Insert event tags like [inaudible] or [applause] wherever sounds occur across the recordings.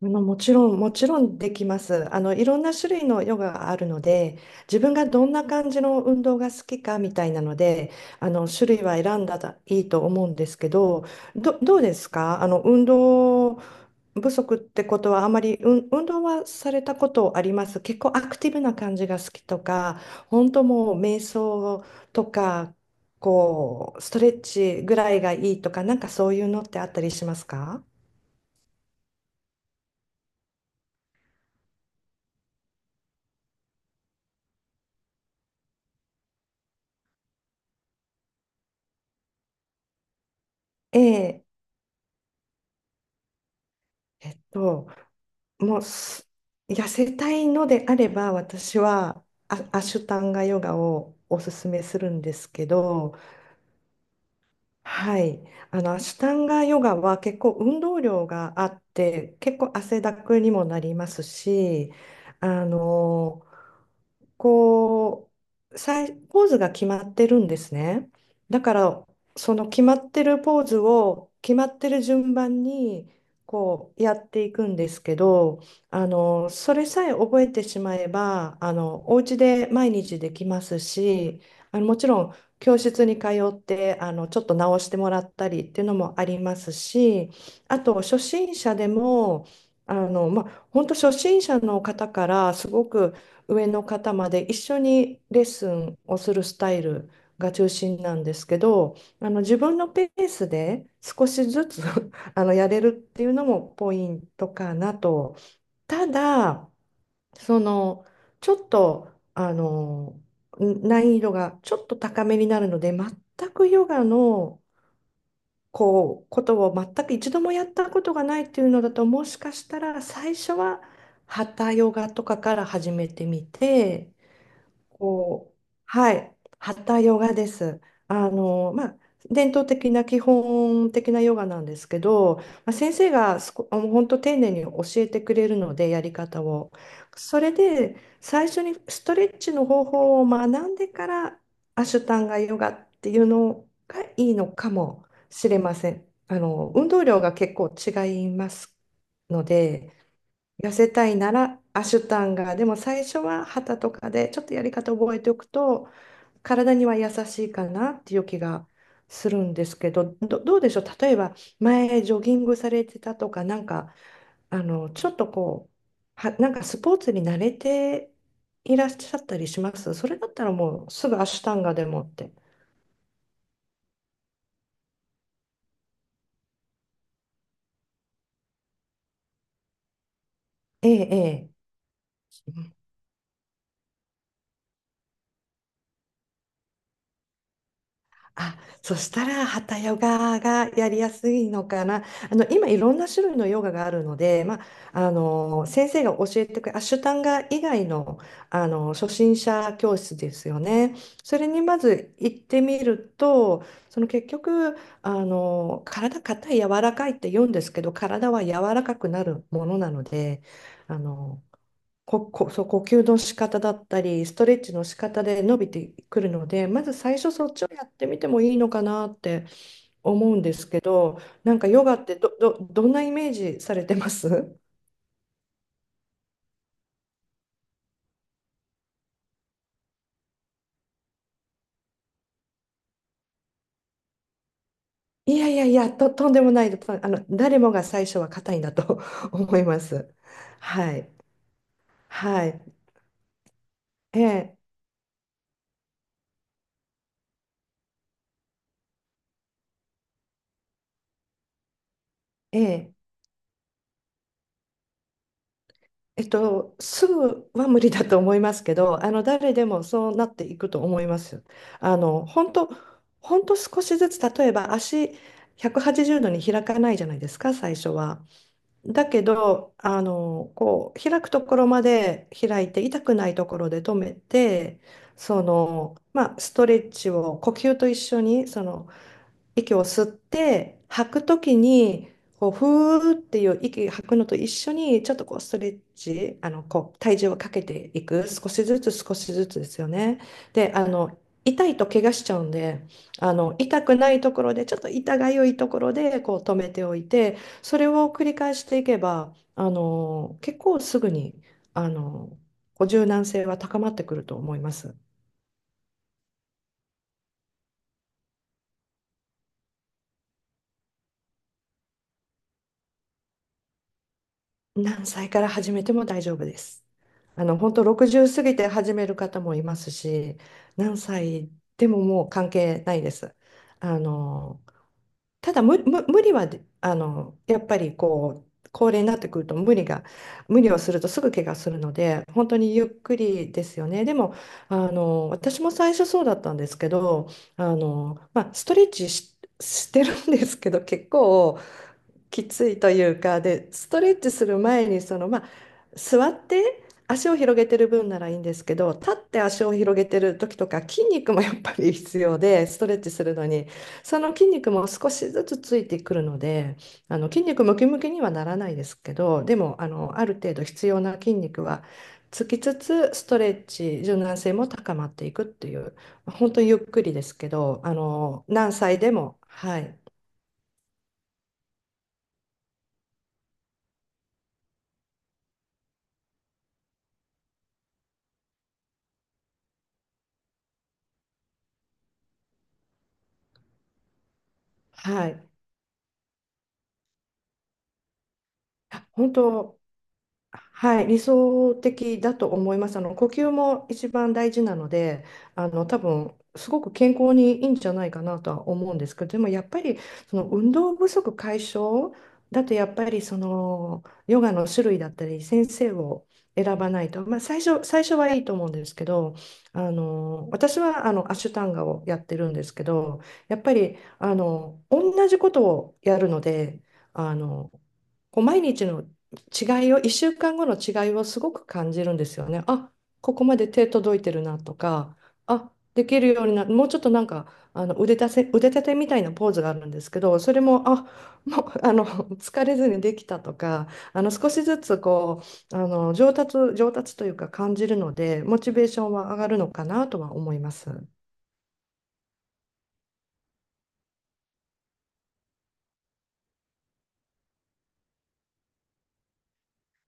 まあの、もちろん、できます。あの、いろんな種類のヨガがあるので、自分がどんな感じの運動が好きかみたいなので、あの、種類は選んだらいいと思うんですけど、どうですか、あの、運動不足ってことはあまり、うん、運動はされたことあります？結構アクティブな感じが好きとか、本当もう瞑想とか、こう、ストレッチぐらいがいいとか、なんかそういうのってあったりしますか？えええっともうす痩せたいのであれば、私はアシュタンガヨガをおすすめするんですけど、はい、あのアシュタンガヨガは結構運動量があって、結構汗だくにもなりますし、あの、こうさいポーズが決まってるんですね。だから、その決まってるポーズを決まってる順番にこうやっていくんですけど、あのそれさえ覚えてしまえば、あのお家で毎日できますし、あのもちろん教室に通って、あのちょっと直してもらったりっていうのもありますし、あと初心者でも、あの、まあ、本当初心者の方からすごく上の方まで一緒にレッスンをするスタイルが中心なんですけど、あの自分のペースで少しずつ [laughs] あのやれるっていうのもポイントかなと。ただ、その、ちょっと、あの、難易度がちょっと高めになるので、全くヨガのこうことを全く一度もやったことがないっていうのだと、もしかしたら最初はハタヨガとかから始めてみて、こう、はい、ハヨガです。あの、まあ、伝統的な基本的なヨガなんですけど、まあ、先生が本当丁寧に教えてくれるので、やり方を。それで、最初にストレッチの方法を学んでから、アシュタンガヨガっていうのがいいのかもしれません。あの、運動量が結構違いますので、痩せたいならアシュタンガ、でも最初は旗とかでちょっとやり方覚えておくと体には優しいかなっていう気がするんですけど、どうでしょう、例えば前ジョギングされてたとか、なんかあのちょっとこう、なんかスポーツに慣れていらっしゃったりします？それだったらもうすぐアシュタンガでもって。ええ、ええ。あ、そしたら、ハヨガがやりやすいのかな。あの、今、いろんな種類のヨガがあるので、まあ、あの、先生が教えてくれる、アシュタンガ以外の、あの、初心者教室ですよね。それにまず行ってみると、その結局、あの、体硬い、柔らかいって言うんですけど、体は柔らかくなるものなので、あの、そう、呼吸の仕方だったり、ストレッチの仕方で伸びてくるので、まず最初そっちをやってみてもいいのかなって思うんですけど、なんかヨガってどんなイメージされてます？ [laughs] いやいやいや、とんでもないと、あの、誰もが最初は硬いんだと [laughs] 思います。はい。はい。ええ、ええ。えっと、すぐは無理だと思いますけど、[laughs] あの誰でもそうなっていくと思います。あの本当、本当少しずつ、例えば足180度に開かないじゃないですか、最初は。だけど、あのこう開くところまで開いて、痛くないところで止めて、その、まあ、ストレッチを呼吸と一緒にその息を吸って吐くときにこうふーっていう息吐くのと一緒にちょっとこうストレッチ、あのこう体重をかけていく、少しずつ少しずつですよね。で、あの痛いと怪我しちゃうんで、あの痛くないところでちょっと痛がゆいところでこう止めておいて、それを繰り返していけばあの結構すぐにあのこう柔軟性は高まってくると思います。何歳から始めても大丈夫です。あの、本当60過ぎて始める方もいますし、何歳でももう関係ないです。あの、ただ無理はあの、やっぱりこう、高齢になってくると無理が、無理をするとすぐ怪我するので、本当にゆっくりですよね。でも、あの、私も最初そうだったんですけど、あの、まあ、ストレッチし、してるんですけど、結構、きついというか、でストレッチする前にそのまあ座って足を広げてる分ならいいんですけど、立って足を広げてる時とか筋肉もやっぱり必要で、ストレッチするのにその筋肉も少しずつついてくるので、あの筋肉ムキムキにはならないですけど、でもあのある程度必要な筋肉はつきつつ、ストレッチ柔軟性も高まっていくっていう、本当にゆっくりですけど、あの何歳でも、はい。はい、本当、はい、理想的だと思います。あの呼吸も一番大事なので、あの多分すごく健康にいいんじゃないかなとは思うんですけど、でもやっぱりその運動不足解消だとやっぱりそのヨガの種類だったり先生を選ばないと、まあ、最初、はいいと思うんですけど、あの私はあのアシュタンガをやってるんですけど、やっぱりあの同じことをやるので、あのこう毎日の違いを、1週間後の違いをすごく感じるんですよね。あ、ここまで手届いてるなとか、あ、できるようにもうちょっとなんか、あの腕立てみたいなポーズがあるんですけど、それも、あ、もう、あの、[laughs] 疲れずにできたとか、あの、少しずつこう、あの、上達というか感じるので、モチベーションは上がるのかなとは思います。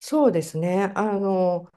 そうですね。あの、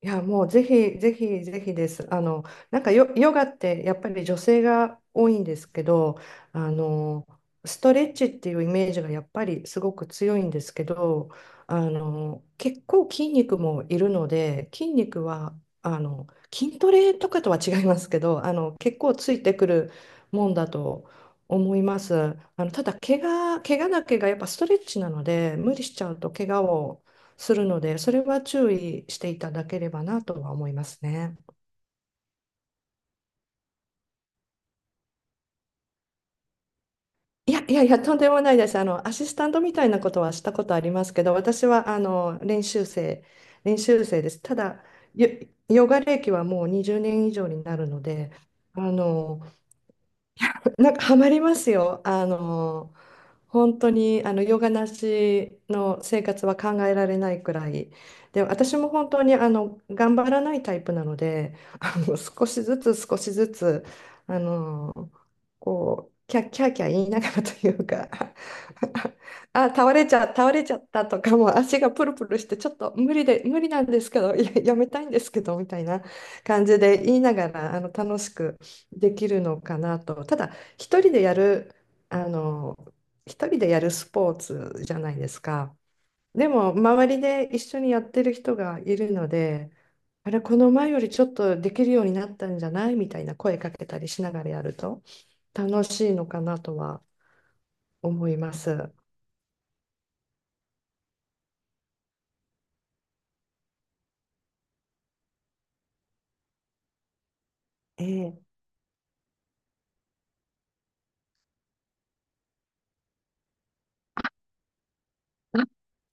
いや、もうぜひぜひぜひです。あの、なんかヨガってやっぱり女性が多いんですけど、あの、ストレッチっていうイメージがやっぱりすごく強いんですけど、あの、結構筋肉もいるので、筋肉は、あの、筋トレとかとは違いますけど、あの、結構ついてくるもんだと思います。あの、ただ、怪我だけがやっぱストレッチなので、無理しちゃうと怪我をするので、それは注意していただければなとは思いますね。いやいやいや、とんでもないです。あの、アシスタントみたいなことはしたことありますけど、私はあの練習生です。ただ、ヨヨガ歴はもう20年以上になるので、あの、なんかハマりますよ。あの、本当にあのヨガなしの生活は考えられないくらいで、私も本当にあの頑張らないタイプなので、あの少しずつ少しずつ、あのこうキャッキャーキャー言いながらというか [laughs] あ倒れちゃったとか、もう足がプルプルしてちょっと無理なんですけど、いや、やめたいんですけどみたいな感じで言いながら、あの楽しくできるのかなと、ただ一人でやるあの一人でやるスポーツじゃないですか。でも、周りで一緒にやってる人がいるので、あれ、この前よりちょっとできるようになったんじゃないみたいな声かけたりしながらやると楽しいのかなとは思います。ええ、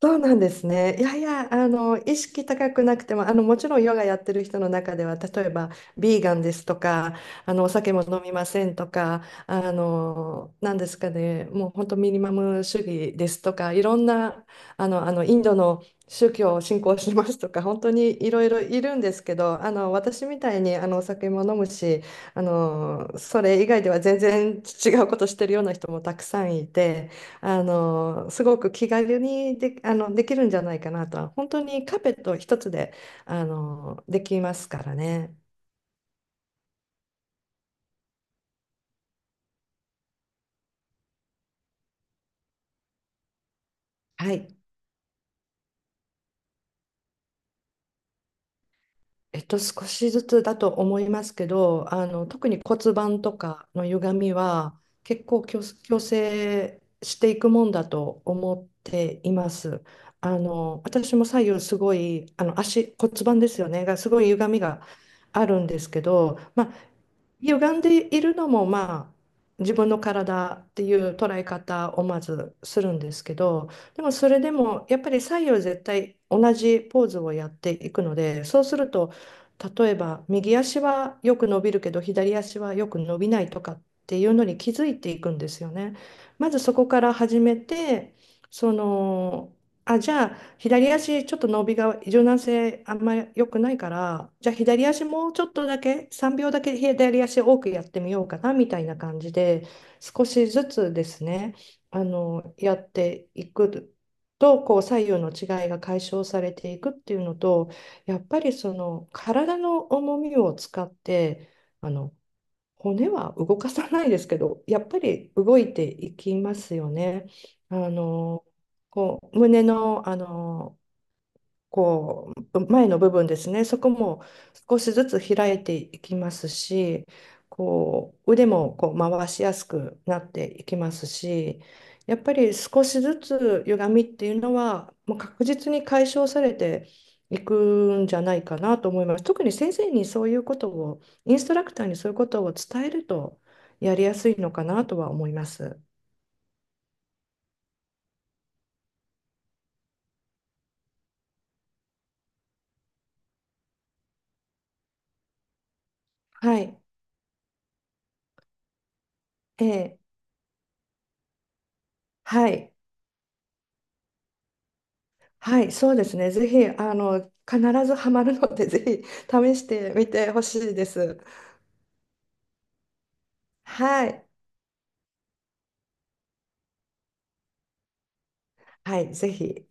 そうなんですね。いやいや、あの、意識高くなくても、あの、もちろんヨガやってる人の中では、例えば、ビーガンですとか、あの、お酒も飲みませんとか、あの、なんですかね、もう本当ミニマム主義ですとか、いろんな、あの、あの、インドの宗教を信仰しますとか、本当にいろいろいるんですけど、あの、私みたいに、あの、お酒も飲むし、あの、それ以外では全然違うことしてるような人もたくさんいて、あのすごく気軽にあのできるんじゃないかなとは、本当にカーペット一つであのできますからね。はい、えっと、少しずつだと思いますけど、あの特に骨盤とかの歪みは結構矯正していくもんだと思っています。あの私も左右すごい、あの足骨盤ですよね、がすごい歪みがあるんですけど、歪んでいるのもまあ自分の体っていう捉え方をまずするんですけど、でもそれでもやっぱり左右絶対同じポーズをやっていくので、そうすると、例えば右足はよく伸びるけど左足はよく伸びないとかっていうのに気づいていくんですよね。まずそこから始めて、その、あ、じゃあ左足ちょっと伸びが柔軟性あんまり良くないから、じゃあ左足もうちょっとだけ3秒だけ左足多くやってみようかなみたいな感じで、少しずつですね、あのやっていくとこう左右の違いが解消されていくっていうのと、やっぱりその体の重みを使って、あの骨は動かさないですけどやっぱり動いていきますよね。あのこう胸の、あのこう前の部分ですね、そこも少しずつ開いていきますし、こう腕もこう回しやすくなっていきますし、やっぱり少しずつ歪みっていうのは、もう確実に解消されていくんじゃないかなと思います。特に先生にそういうことを、インストラクターにそういうことを伝えるとやりやすいのかなとは思います。はい。ええ、はい。はい、そうですね。ぜひ、あの、必ずハマるので、ぜひ試してみてほしいです。はい。はい、ぜひ。